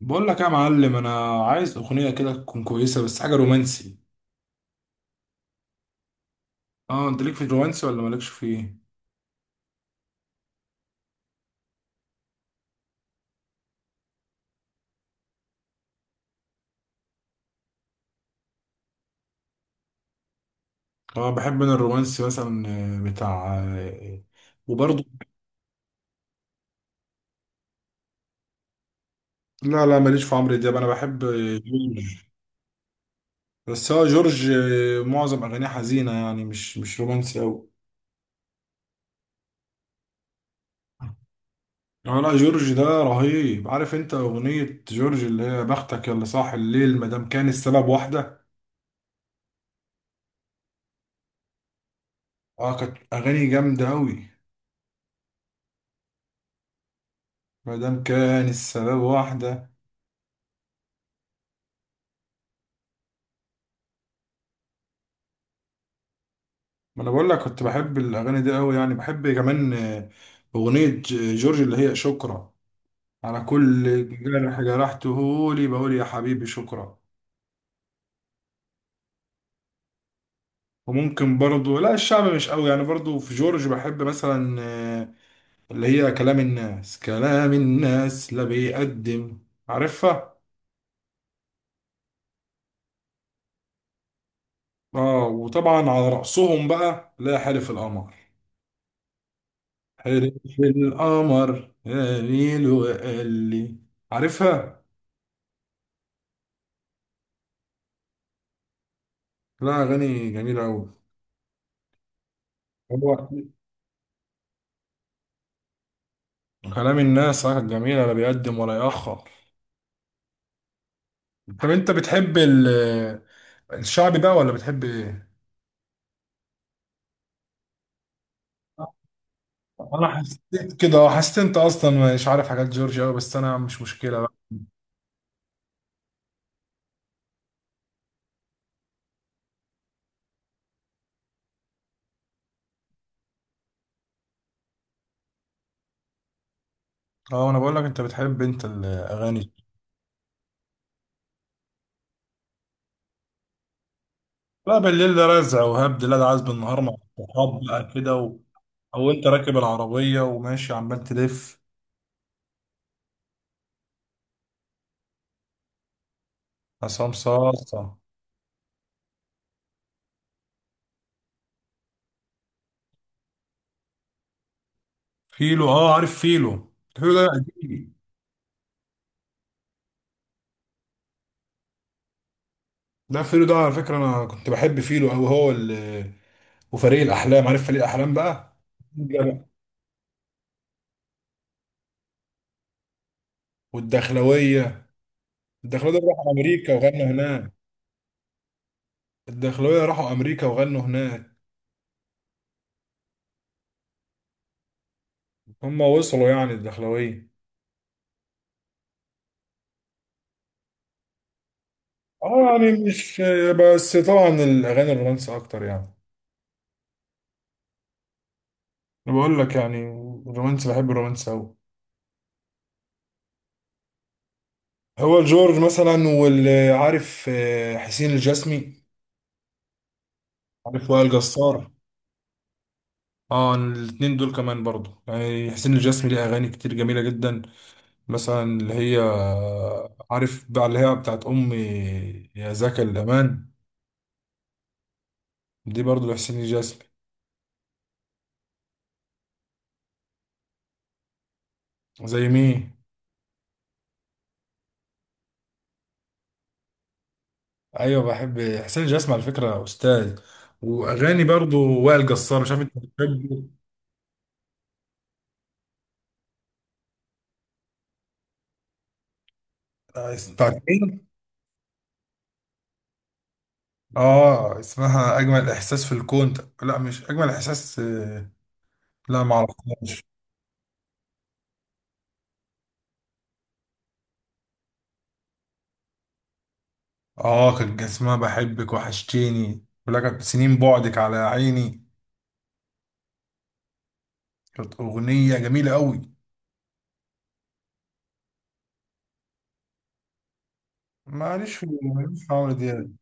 بقول لك يا معلم، انا عايز اغنيه كده تكون كويسه بس حاجه رومانسي. اه، انت ليك في الرومانسي ولا مالكش فيه؟ اه، بحب انا الرومانسي مثلا بتاع وبرضه. لا، لا، ماليش في عمرو دياب. انا بحب جورج. بس هو جورج، معظم اغانيه حزينه يعني مش رومانسي قوي. اه، لا، جورج ده رهيب. عارف انت اغنية جورج اللي هي بختك يلا صاح الليل مادام كان السبب واحدة؟ اه، كانت اغاني جامدة اوي. مادام كان السبب واحدة. ما انا بقول لك، كنت بحب الاغاني دي قوي، يعني بحب كمان اغنيه جورج اللي هي شكرا، على كل جرح جرحته لي، بقول يا حبيبي شكرا. وممكن برضو، لا الشعب مش قوي، يعني برضو في جورج بحب مثلا اللي هي كلام الناس، كلام الناس لا بيقدم. عارفها؟ اه، وطبعا على رأسهم بقى، لا حلف القمر قاليل وقال لي. عارفها؟ لا، اغاني جميله قوي. كلام الناس، جميل، لا بيقدم ولا يأخر. طب انت بتحب الشعبي بقى ولا بتحب ايه؟ انا حسيت كده، حسيت انت اصلا مش عارف حاجات جورج قوي، بس انا مش مشكله بقى. اه، انا بقول لك، انت بتحب الاغاني دي. لا، بالليل ده رزع وهبد. لا ده عايز بالنهار مع الصحاب بقى كده او انت راكب العربيه وماشي عمال تلف. عصام صاصه. فيلو، اه، عارف فيلو. فيلو ده قديم. ده فيلو ده، على فكره انا كنت بحب فيلو، او هو اللي وفريق الاحلام. عارف فريق الاحلام بقى؟ جدع. والدخلويه. الدخلويه دول راحوا امريكا وغنوا هناك. الدخلويه راحوا امريكا وغنوا هناك. هم وصلوا يعني، الدخلويه. اه، يعني مش، بس طبعا الاغاني الرومانسي اكتر يعني. انا بقول لك يعني، الرومانسي، بحب الرومانسي قوي. هو جورج مثلا، واللي عارف حسين الجسمي. عارف وائل جسار؟ اه، الاتنين دول كمان برضو، يعني حسين الجسمي ليه اغاني كتير جميله جدا، مثلا اللي هي، عارف بقى اللي هي بتاعت أمي، يا زكا الأمان. دي برضو لحسين الجسمي. زي مين؟ أيوة، بحب حسين الجسمي على فكرة، أستاذ. وأغاني برضو وائل جسار، مش عارف أنت بتحبه. بتاعت مين؟ آه، اسمها أجمل إحساس في الكون. لا، مش أجمل إحساس، لا، معرفهاش. آه، كان اسمها بحبك وحشتيني ولك سنين بعدك على عيني. كانت أغنية جميلة أوي. معلش في عمرو دياب.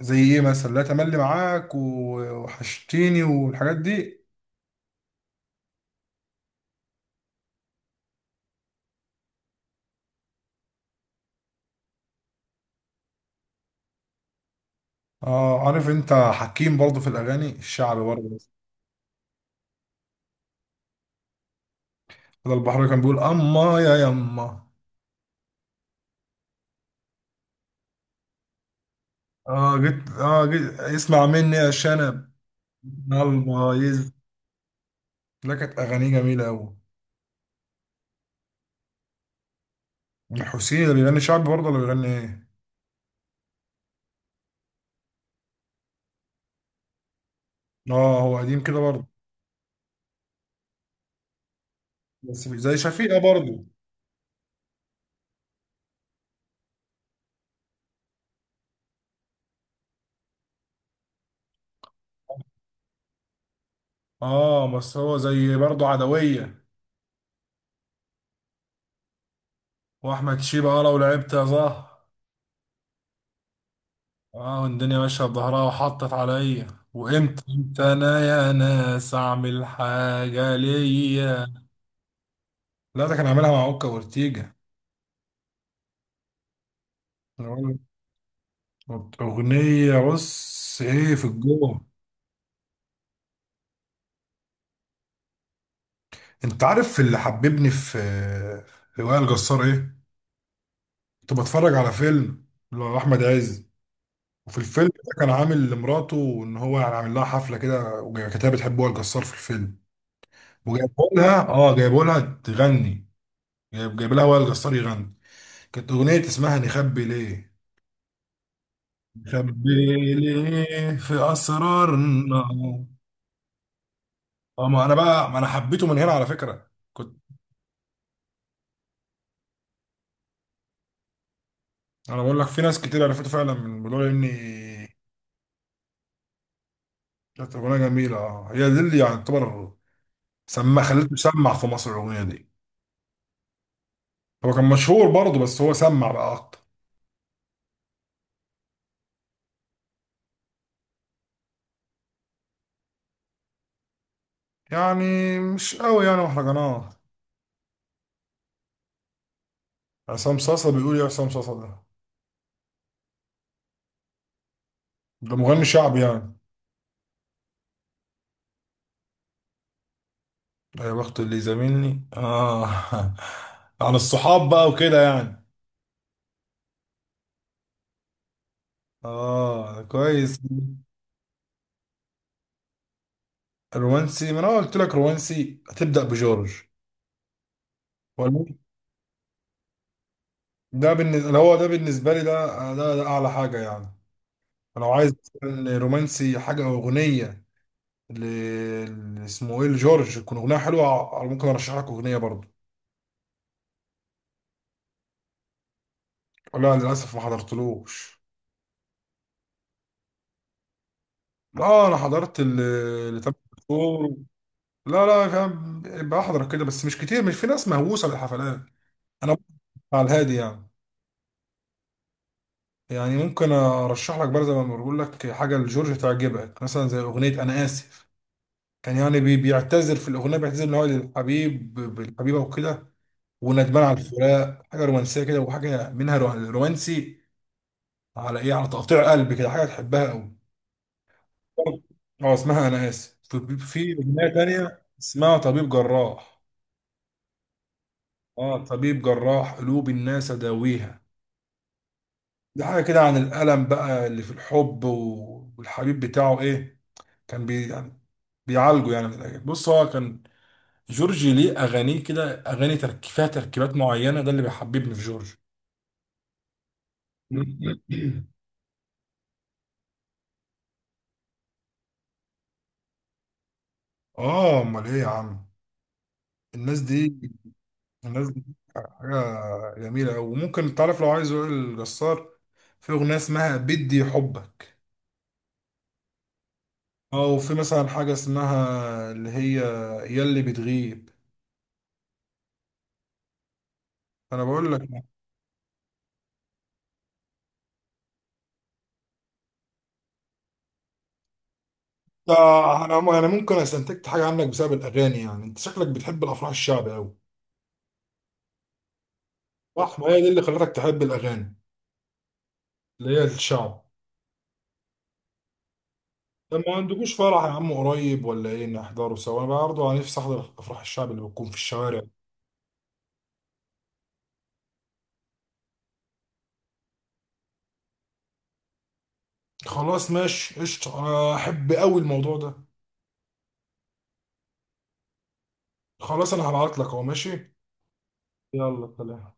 زي ايه مثلا، لا تملي معاك وحشتيني والحاجات دي. اه، عارف انت حكيم برضه في الاغاني الشعبي برضه؟ ده البحر كان بيقول اما يا يما. اه، جيت اسمع مني يا شنب. البايظ. لا، كانت اغانيه جميله قوي. الحسين اللي بيغني شعبي برضه، اللي بيغني ايه؟ اه، هو قديم كده برضه. بس مش زي شفيقة برضه. اه، بس هو زي برضه عدوية. واحمد شيبة. اه، لو لعبت يا زهر. اه، والدنيا ماشية بظهرها وحطت عليا. وامتى امتى انا يا ناس اعمل حاجة ليا. لا، ده كان عاملها مع اوكا وارتيجا. اغنية بص ايه في الجو. انت عارف اللي حببني في وائل جسار ايه؟ كنت بتفرج على فيلم لاحمد عز، وفي الفيلم ده كان عامل لمراته، ان هو يعني عامل لها حفلة كده، وكانت هي بتحب وائل جسار في الفيلم. وجايبوا لها، جايبوا لها تغني. جايب لها وائل جسار يغني. كانت أغنية اسمها نخبي ليه. نخبي ليه في أسرارنا. اه، ما أنا حبيته من هنا على فكرة. كنت. أنا بقول لك في ناس كتير عرفته فعلا من الموضوع إني، كانت أغنية جميلة. اه هي دي اللي يعني تعتبر، خليته يسمع في مصر الأغنية دي. هو كان مشهور برضه، بس هو سمع بقى أكتر. يعني مش قوي يعني مهرجانات. عصام صاصا بيقول إيه؟ عصام صاصا ده، ده مغني شعبي يعني. يا بخت اللي زاملني. اه. عن الصحاب بقى وكده يعني. اه، كويس. رومانسي؟ ما انا قلت لك رومانسي هتبدأ بجورج. ولا، ده بالنسبة، اللي هو ده بالنسبة لي، ده ده اعلى حاجة يعني. لو عايز مثلاً رومانسي، حاجة او اغنية اللي اسمه ايه لجورج تكون اغنية حلوة، ممكن ارشح لك اغنية برضه. لا، للاسف ما حضرتلوش. اه، انا حضرت اللي تامر عاشور. لا، لا، فاهم. بحضر كده بس مش كتير، مش في ناس مهووسة بالحفلات. انا على الهادي يعني. يعني ممكن ارشح لك برضه، زي ما بقول لك، حاجه لجورج تعجبك، مثلا زي اغنيه انا اسف. كان يعني بيعتذر في الاغنيه، بيعتذر ان هو للحبيب بالحبيبه وكده، وندمان على الفراق، حاجه رومانسيه كده، وحاجه منها رومانسي، على ايه؟ على تقطيع قلب كده، حاجه تحبها قوي. اه، اسمها انا اسف. في اغنيه تانية اسمها طبيب جراح. اه، طبيب جراح قلوب الناس اداويها. دي حاجه كده عن الالم بقى اللي في الحب، والحبيب بتاعه ايه، كان بي يعني، بيعالجوا يعني من الاجانب. بص، هو كان، جورج ليه اغانيه كده، اغاني ترك فيها تركيبات معينه، ده اللي بيحببني في جورج. اه، امال ايه يا عم؟ الناس دي، الناس دي حاجه جميله أوي. وممكن تعرف، لو عايز يقول الجسار، في اغنيه اسمها بدي حبك. اه، وفي مثلا حاجه اسمها اللي هي ياللي بتغيب. انا بقول لك، ده، انا ممكن استنتجت حاجه عنك بسبب الاغاني، يعني انت شكلك بتحب الافراح الشعبي قوي. صح؟ ما هي دي اللي خلتك تحب الاغاني اللي هي الشعب. طب ما عندكوش فرح يا عم قريب ولا ايه؟ نحضره سوا، انا برضه على نفسي احضر افراح الشعب اللي بتكون في الشوارع. خلاص ماشي، قشطه، انا احب قوي الموضوع ده. خلاص انا هبعت لك اهو، ماشي. يلا، سلام.